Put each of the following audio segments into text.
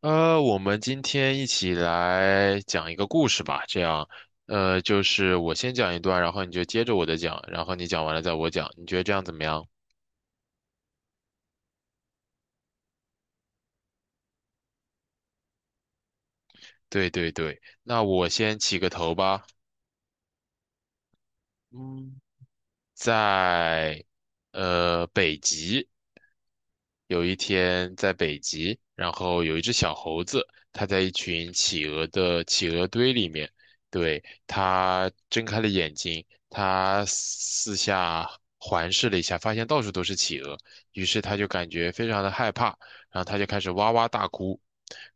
我们今天一起来讲一个故事吧，这样，就是我先讲一段，然后你就接着我的讲，然后你讲完了再我讲，你觉得这样怎么样？对对对，那我先起个头吧。嗯，在北极有一天在北极，然后有一只小猴子，它在一群企鹅的企鹅堆里面，对，它睁开了眼睛，它四下环视了一下，发现到处都是企鹅，于是它就感觉非常的害怕，然后它就开始哇哇大哭。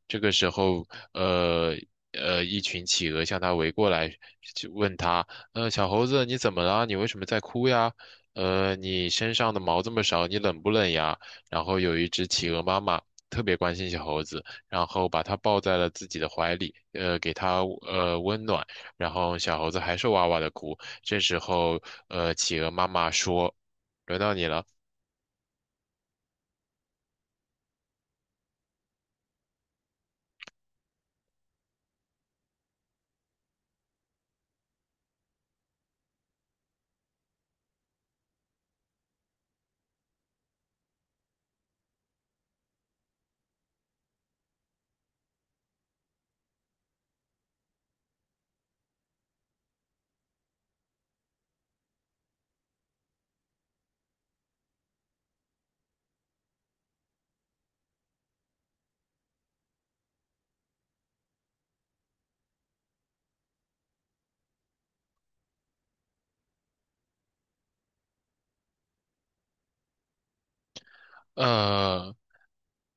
这个时候，呃一群企鹅向它围过来，就问它，呃，小猴子，你怎么了？你为什么在哭呀？呃，你身上的毛这么少，你冷不冷呀？然后有一只企鹅妈妈特别关心小猴子，然后把它抱在了自己的怀里，给它温暖，然后小猴子还是哇哇的哭。这时候，呃，企鹅妈妈说：“轮到你了，呃，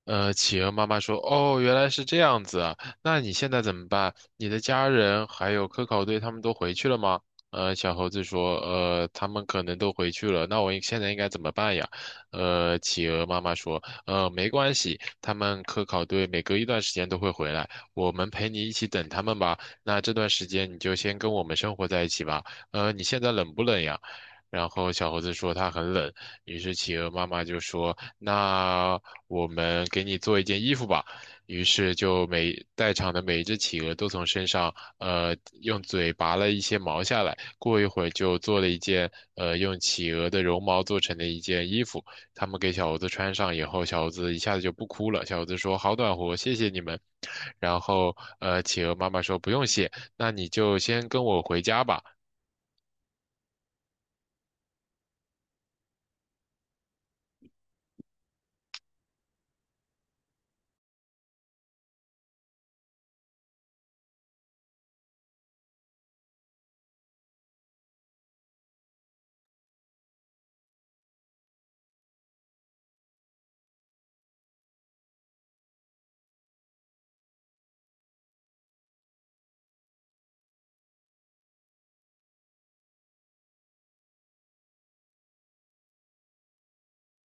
企鹅妈妈说：“哦，原来是这样子啊，那你现在怎么办？你的家人还有科考队他们都回去了吗？”呃，小猴子说：“呃，他们可能都回去了，那我应现在应该怎么办呀？”呃，企鹅妈妈说：“呃，没关系，他们科考队每隔一段时间都会回来，我们陪你一起等他们吧。那这段时间你就先跟我们生活在一起吧。呃，你现在冷不冷呀？”然后小猴子说他很冷，于是企鹅妈妈就说：那我们给你做一件衣服吧。于是就每在场的每一只企鹅都从身上，用嘴拔了一些毛下来。过一会儿就做了一件，用企鹅的绒毛做成的一件衣服。他们给小猴子穿上以后，小猴子一下子就不哭了。小猴子说：“好暖和，谢谢你们。”然后，企鹅妈妈说：“不用谢，那你就先跟我回家吧。”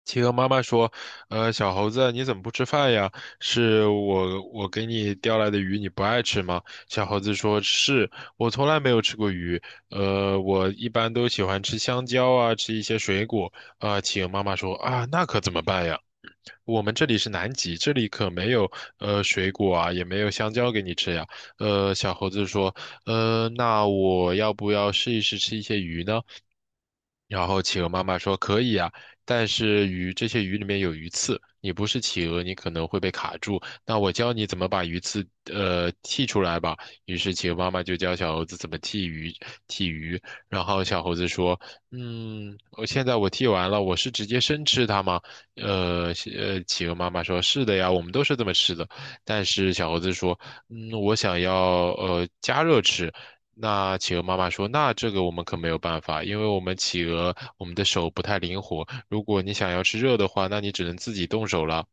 企鹅妈妈说：“呃，小猴子，你怎么不吃饭呀？是我给你钓来的鱼，你不爱吃吗？”小猴子说：“是，我从来没有吃过鱼，我一般都喜欢吃香蕉啊，吃一些水果。”啊，企鹅妈妈说：“啊，那可怎么办呀？”我们这里是南极，这里可没有水果啊，也没有香蕉给你吃呀。呃，小猴子说，呃，那我要不要试一试吃一些鱼呢？然后企鹅妈妈说可以啊，但是这些鱼里面有鱼刺，你不是企鹅，你可能会被卡住。那我教你怎么把鱼刺剔出来吧。于是企鹅妈妈就教小猴子怎么剔鱼，剔鱼。然后小猴子说，嗯，我现在剔完了，我是直接生吃它吗？企鹅妈妈说：“是的呀，我们都是这么吃的。”但是小猴子说：“嗯，我想要加热吃。”那企鹅妈妈说：“那这个我们可没有办法，因为我们企鹅的手不太灵活。如果你想要吃热的话，那你只能自己动手了。”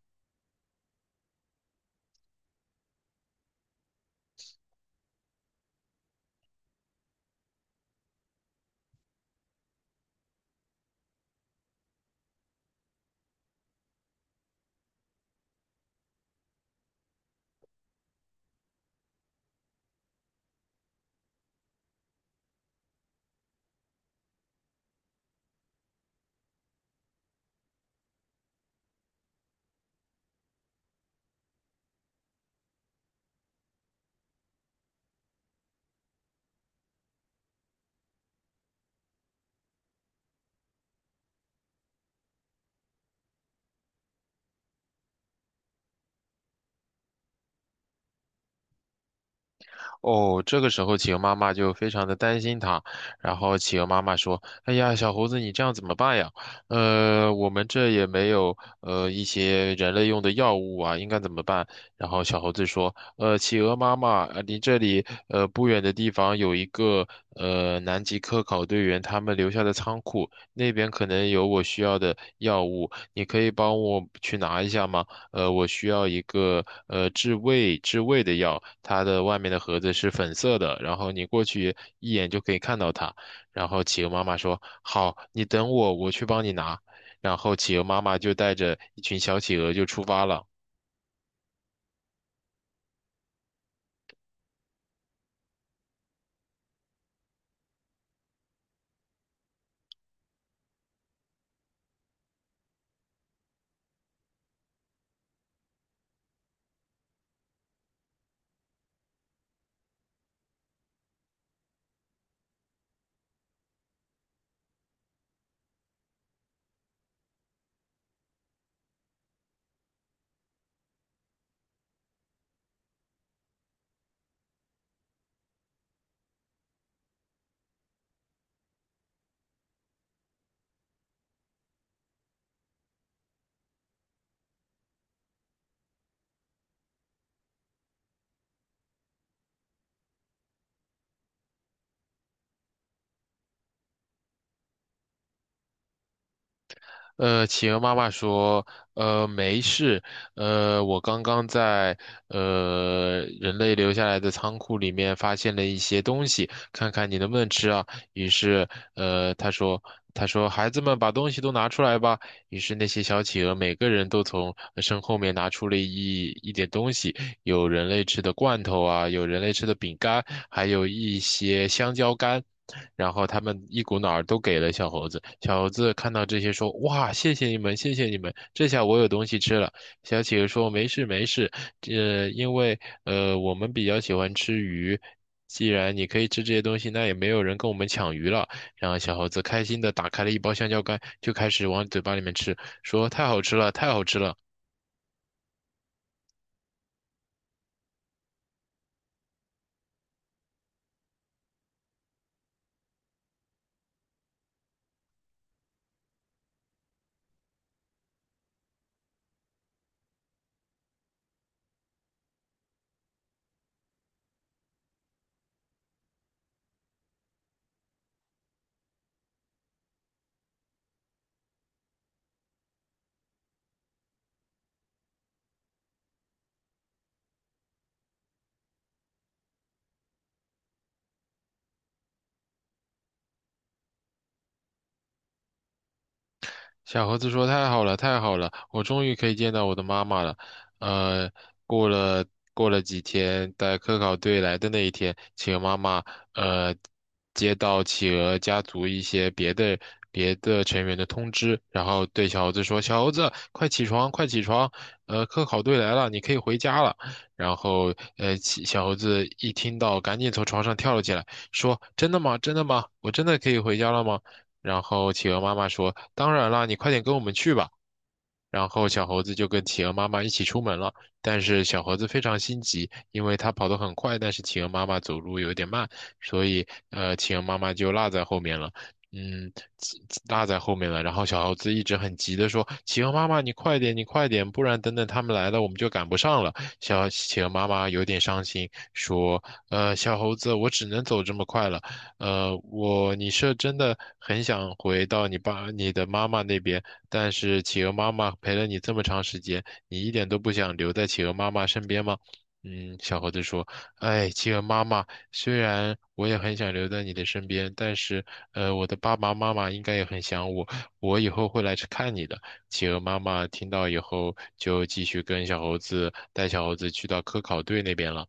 哦，这个时候企鹅妈妈就非常的担心它，然后企鹅妈妈说：“哎呀，小猴子，你这样怎么办呀？呃，我们这也没有一些人类用的药物啊，应该怎么办？”然后小猴子说：“呃，企鹅妈妈，离这里不远的地方有一个南极科考队员他们留下的仓库，那边可能有我需要的药物，你可以帮我去拿一下吗？”呃，我需要一个治胃的药，它的外面的盒子是粉色的，然后你过去一眼就可以看到它。然后企鹅妈妈说：“好，你等我，我去帮你拿。”然后企鹅妈妈就带着一群小企鹅就出发了。呃，企鹅妈妈说，呃，没事，我刚刚在人类留下来的仓库里面发现了一些东西，看看你能不能吃啊。于是，呃，他说，他说，孩子们把东西都拿出来吧。于是那些小企鹅每个人都从身后面拿出了一点东西，有人类吃的罐头啊，有人类吃的饼干，还有一些香蕉干。然后他们一股脑儿都给了小猴子。小猴子看到这些说：“哇，谢谢你们，谢谢你们，这下我有东西吃了。”小企鹅说：“没事没事，因为我们比较喜欢吃鱼，既然你可以吃这些东西，那也没有人跟我们抢鱼了。”然后小猴子开心的打开了一包香蕉干，就开始往嘴巴里面吃，说：“太好吃了，太好吃了。”小猴子说：“太好了，太好了，我终于可以见到我的妈妈了。”呃，过了过了几天，在科考队来的那一天，企鹅妈妈呃接到企鹅家族一些别的成员的通知，然后对小猴子说：“小猴子，快起床，快起床！呃，科考队来了，你可以回家了。”然后小猴子一听到，赶紧从床上跳了起来，说：“真的吗？真的吗？我真的可以回家了吗？”然后企鹅妈妈说：“当然啦，你快点跟我们去吧。”然后小猴子就跟企鹅妈妈一起出门了。但是小猴子非常心急，因为它跑得很快，但是企鹅妈妈走路有点慢，所以企鹅妈妈就落在后面了。嗯，企落在后面了。然后小猴子一直很急的说：“企鹅妈妈，你快点，你快点，不然等等他们来了，我们就赶不上了。”小企鹅妈妈有点伤心，说：“呃，小猴子，我只能走这么快了。呃，你是真的很想回到你爸、你的妈妈那边，但是企鹅妈妈陪了你这么长时间，你一点都不想留在企鹅妈妈身边吗？嗯，小猴子说：“哎，企鹅妈妈，虽然我也很想留在你的身边，但是，我的爸爸妈妈应该也很想我，我以后会来去看你的。”企鹅妈妈听到以后，就继续跟小猴子带小猴子去到科考队那边了。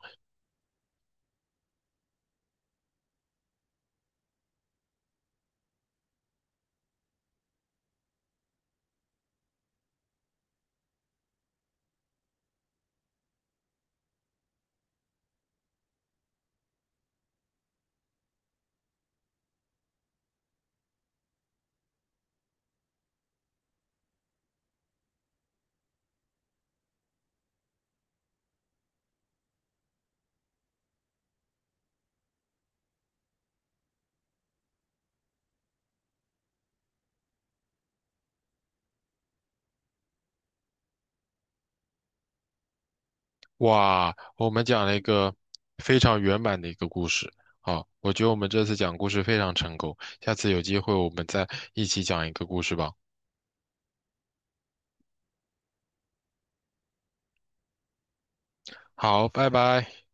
哇，我们讲了一个非常圆满的一个故事。好，我觉得我们这次讲故事非常成功，下次有机会我们再一起讲一个故事吧。好，拜拜。